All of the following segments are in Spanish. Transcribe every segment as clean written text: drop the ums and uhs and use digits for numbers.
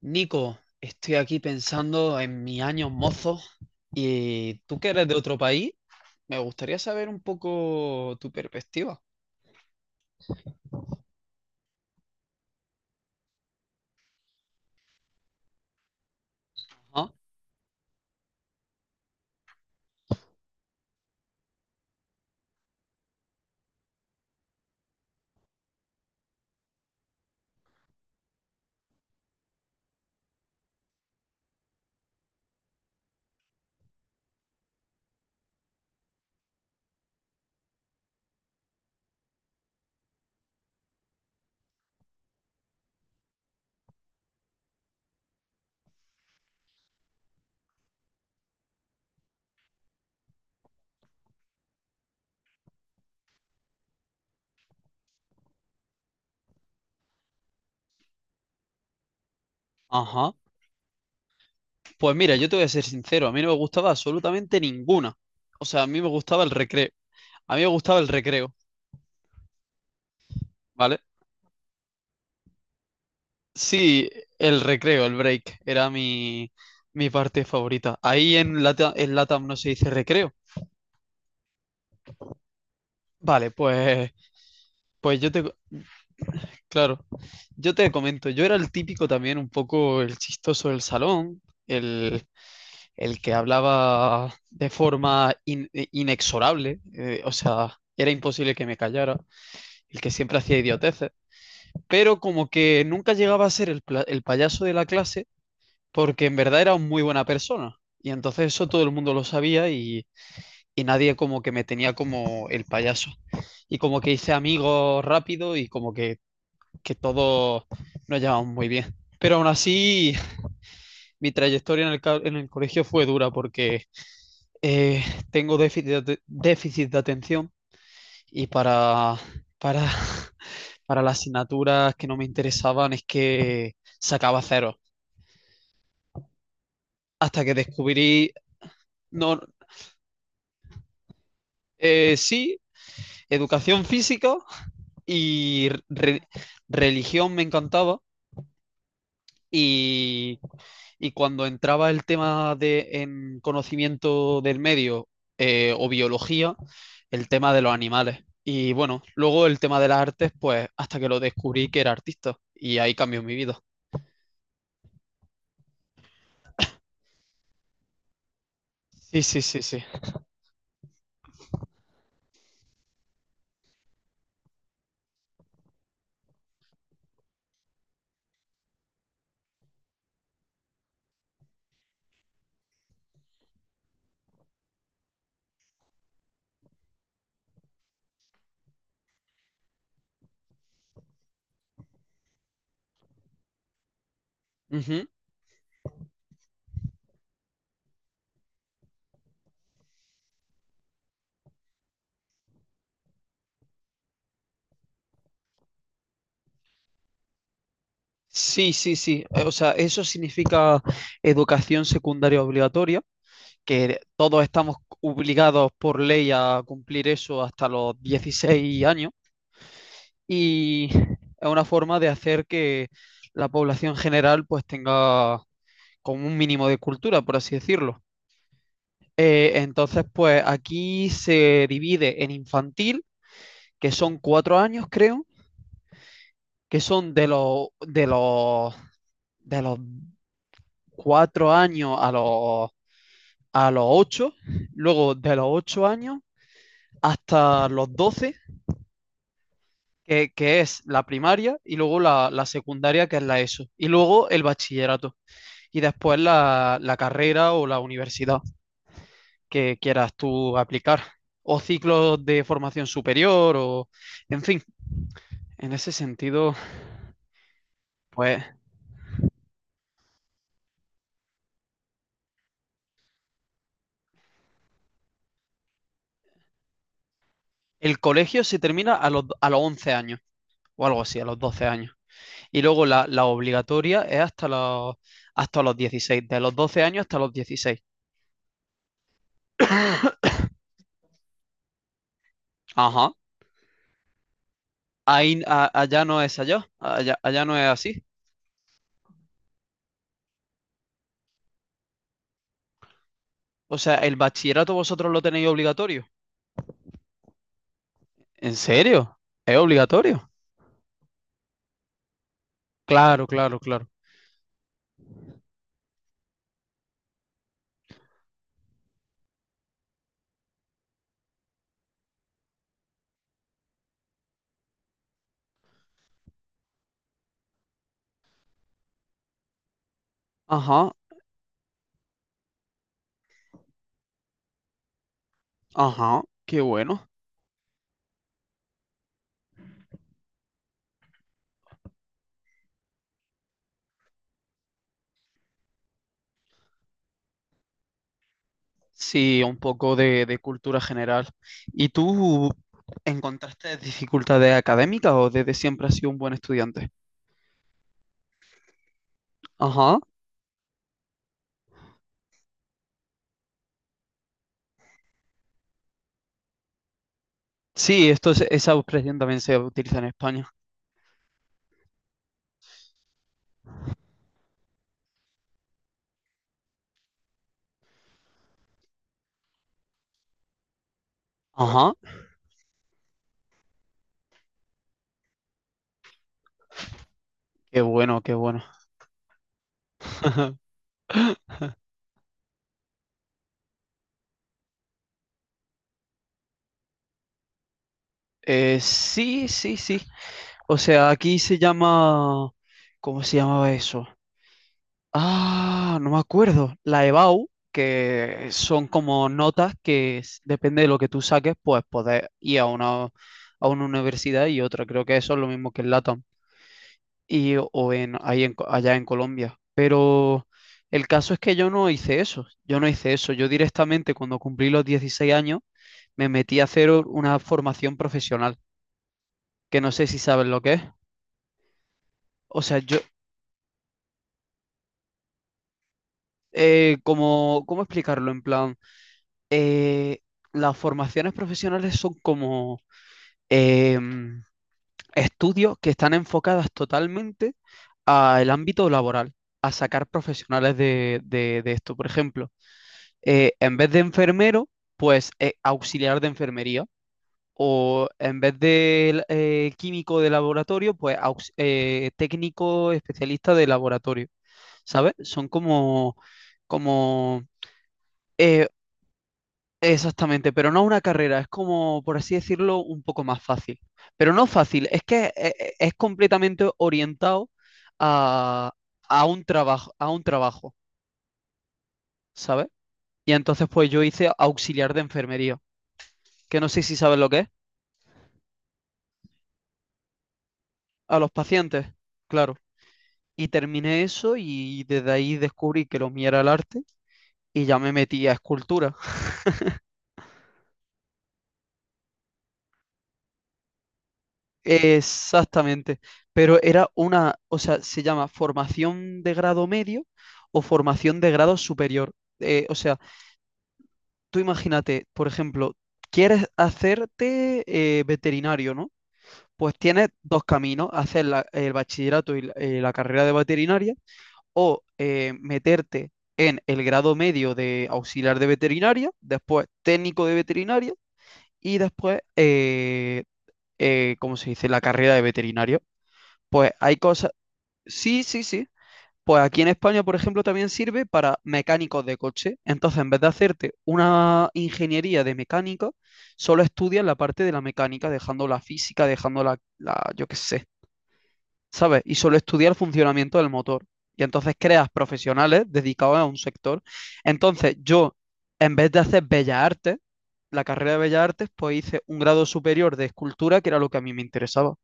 Nico, estoy aquí pensando en mis años mozos y tú que eres de otro país, me gustaría saber un poco tu perspectiva. Ajá, ajá. Pues mira, yo te voy a ser sincero, a mí no me gustaba absolutamente ninguna. O sea, a mí me gustaba el recreo. A mí me gustaba el recreo, ¿vale? Sí, el recreo, el break, era mi parte favorita. Ahí en Latam no se dice recreo. Vale, pues, pues yo te, Claro, yo te comento, yo era el típico también, un poco el chistoso del salón, el, el que hablaba de forma inexorable, o sea, era imposible que me callara, el que siempre hacía idioteces, pero como que nunca llegaba a ser el payaso de la clase porque en verdad era muy buena persona y entonces eso todo el mundo lo sabía y nadie como que me tenía como el payaso y como que hice amigos rápido y como que todos nos llevamos muy bien. Pero aún así, mi trayectoria en en el colegio fue dura porque eh, tengo déficit de atención y para, para las asignaturas que no me interesaban es que sacaba cero. Hasta que descubrí, no, sí, educación física y religión me encantaba. Y, y cuando entraba el tema de en conocimiento del medio o biología, el tema de los animales. Y bueno, luego el tema de las artes, pues hasta que lo descubrí que era artista. Y ahí cambió mi vida. Sí, sí, sí, sí. Ujú. Sí, sí, sí. O sea, eso significa educación secundaria obligatoria, que todos estamos obligados por ley a cumplir eso hasta los 16 años. Y es una forma de hacer que la población general pues tenga como un mínimo de cultura, por así decirlo. Entonces, pues aquí se divide en infantil, que son 4 años, creo, que son de los 4 años a los 8, luego de los 8 años hasta los 12, que es la primaria, y luego la secundaria, que es la ESO, y luego el bachillerato. Y después la carrera o la universidad que quieras tú aplicar o ciclos de formación superior o en fin, en ese sentido, pues el colegio se termina a los 11 años o algo así, a los 12 años. Y luego la obligatoria es hasta los 16, de los 12 años hasta los 16. Ajá. Ahí, allá no es así. O sea, el bachillerato vosotros lo tenéis obligatorio. ¿En serio? ¿Es obligatorio? Claro, claro, claro. Ajá, ajá, qué bueno. Sí, un poco de cultura general. ¿Y tú encontraste dificultades académicas o desde siempre has sido un buen estudiante? Ajá. Sí, esa expresión también se utiliza en España. Ajá, qué bueno, qué bueno. Sí, sí, sí. O sea, aquí se llama, ¿cómo se llamaba eso? Ah, no me acuerdo. La EBAU, que son como notas depende de lo que tú saques, pues podés ir a una universidad y otra. Creo que eso es lo mismo que en LATAM y, o en, ahí en allá en Colombia. Pero el caso es que yo no hice eso. Yo no hice eso. Yo directamente cuando cumplí los 16 años me metí a hacer una formación profesional, que no sé si sabes lo que es. O sea, como, ¿cómo explicarlo? En plan... eh, las formaciones profesionales son como eh, estudios que están enfocadas totalmente al ámbito laboral, a sacar profesionales de esto. Por ejemplo, en vez de enfermero, pues auxiliar de enfermería. O en vez de químico de laboratorio, pues técnico especialista de laboratorio. ¿Sabes? Son como eh, exactamente, pero no una carrera, es como, por así decirlo, un poco más fácil. Pero no fácil, es que es completamente orientado a, a un trabajo, ¿sabes? Y entonces pues yo hice auxiliar de enfermería, que no sé si sabes lo que es, a los pacientes, claro. Y terminé eso y desde ahí descubrí que lo mío era el arte y ya me metí a escultura. Exactamente, pero era una, o sea, se llama formación de grado medio o formación de grado superior. O sea, tú imagínate, por ejemplo, quieres hacerte veterinario, ¿no? Pues tienes dos caminos, hacer el bachillerato y la carrera de veterinaria o meterte en el grado medio de auxiliar de veterinaria, después técnico de veterinaria y después, ¿cómo se dice?, la carrera de veterinario. Pues hay cosas, sí, sí, sí. Pues aquí en España, por ejemplo, también sirve para mecánicos de coche. Entonces, en vez de hacerte una ingeniería de mecánica, solo estudias la parte de la mecánica, dejando la física, dejando yo qué sé, ¿sabes? Y solo estudias el funcionamiento del motor. Y entonces creas profesionales dedicados a un sector. Entonces, yo, en vez de hacer Bellas Artes, la carrera de Bellas Artes, pues hice un grado superior de escultura, que era lo que a mí me interesaba.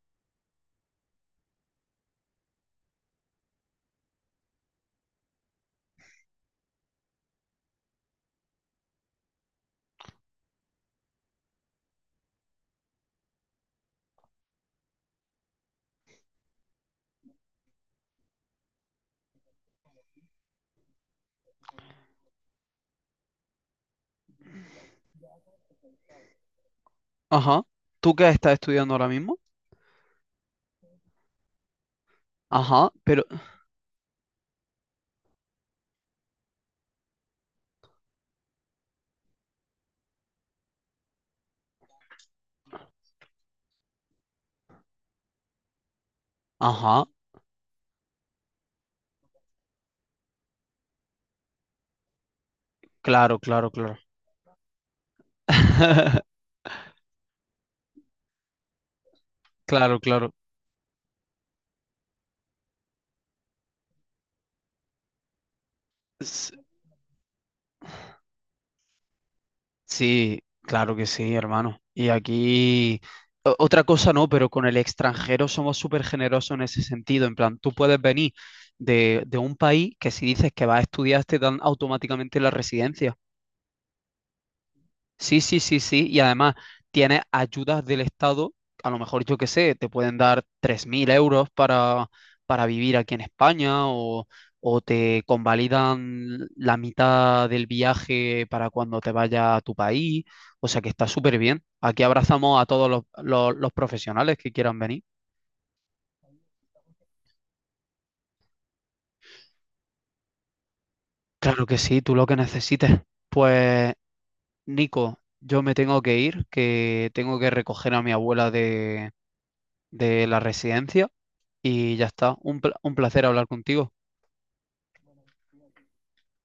Ajá. ¿Tú qué estás estudiando ahora mismo? Ajá, pero... Ajá. Claro, claro, claro. Claro, claro. S- Sí, claro que sí, hermano. Y aquí, otra cosa no, pero con el extranjero somos súper generosos en ese sentido. En plan, tú puedes venir de un país que si dices que vas a estudiar te dan automáticamente la residencia. Sí, sí, sí, sí. Y además tienes ayudas del Estado, a lo mejor yo qué sé, te pueden dar 3000 euros para vivir aquí en España o te convalidan la mitad del viaje para cuando te vayas a tu país. O sea que está súper bien. Aquí abrazamos a todos los profesionales que quieran venir. Claro que sí, tú lo que necesites. Pues, Nico, yo me tengo que ir, que tengo que recoger a mi abuela de la residencia y ya está. Un placer hablar contigo.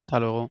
Hasta luego.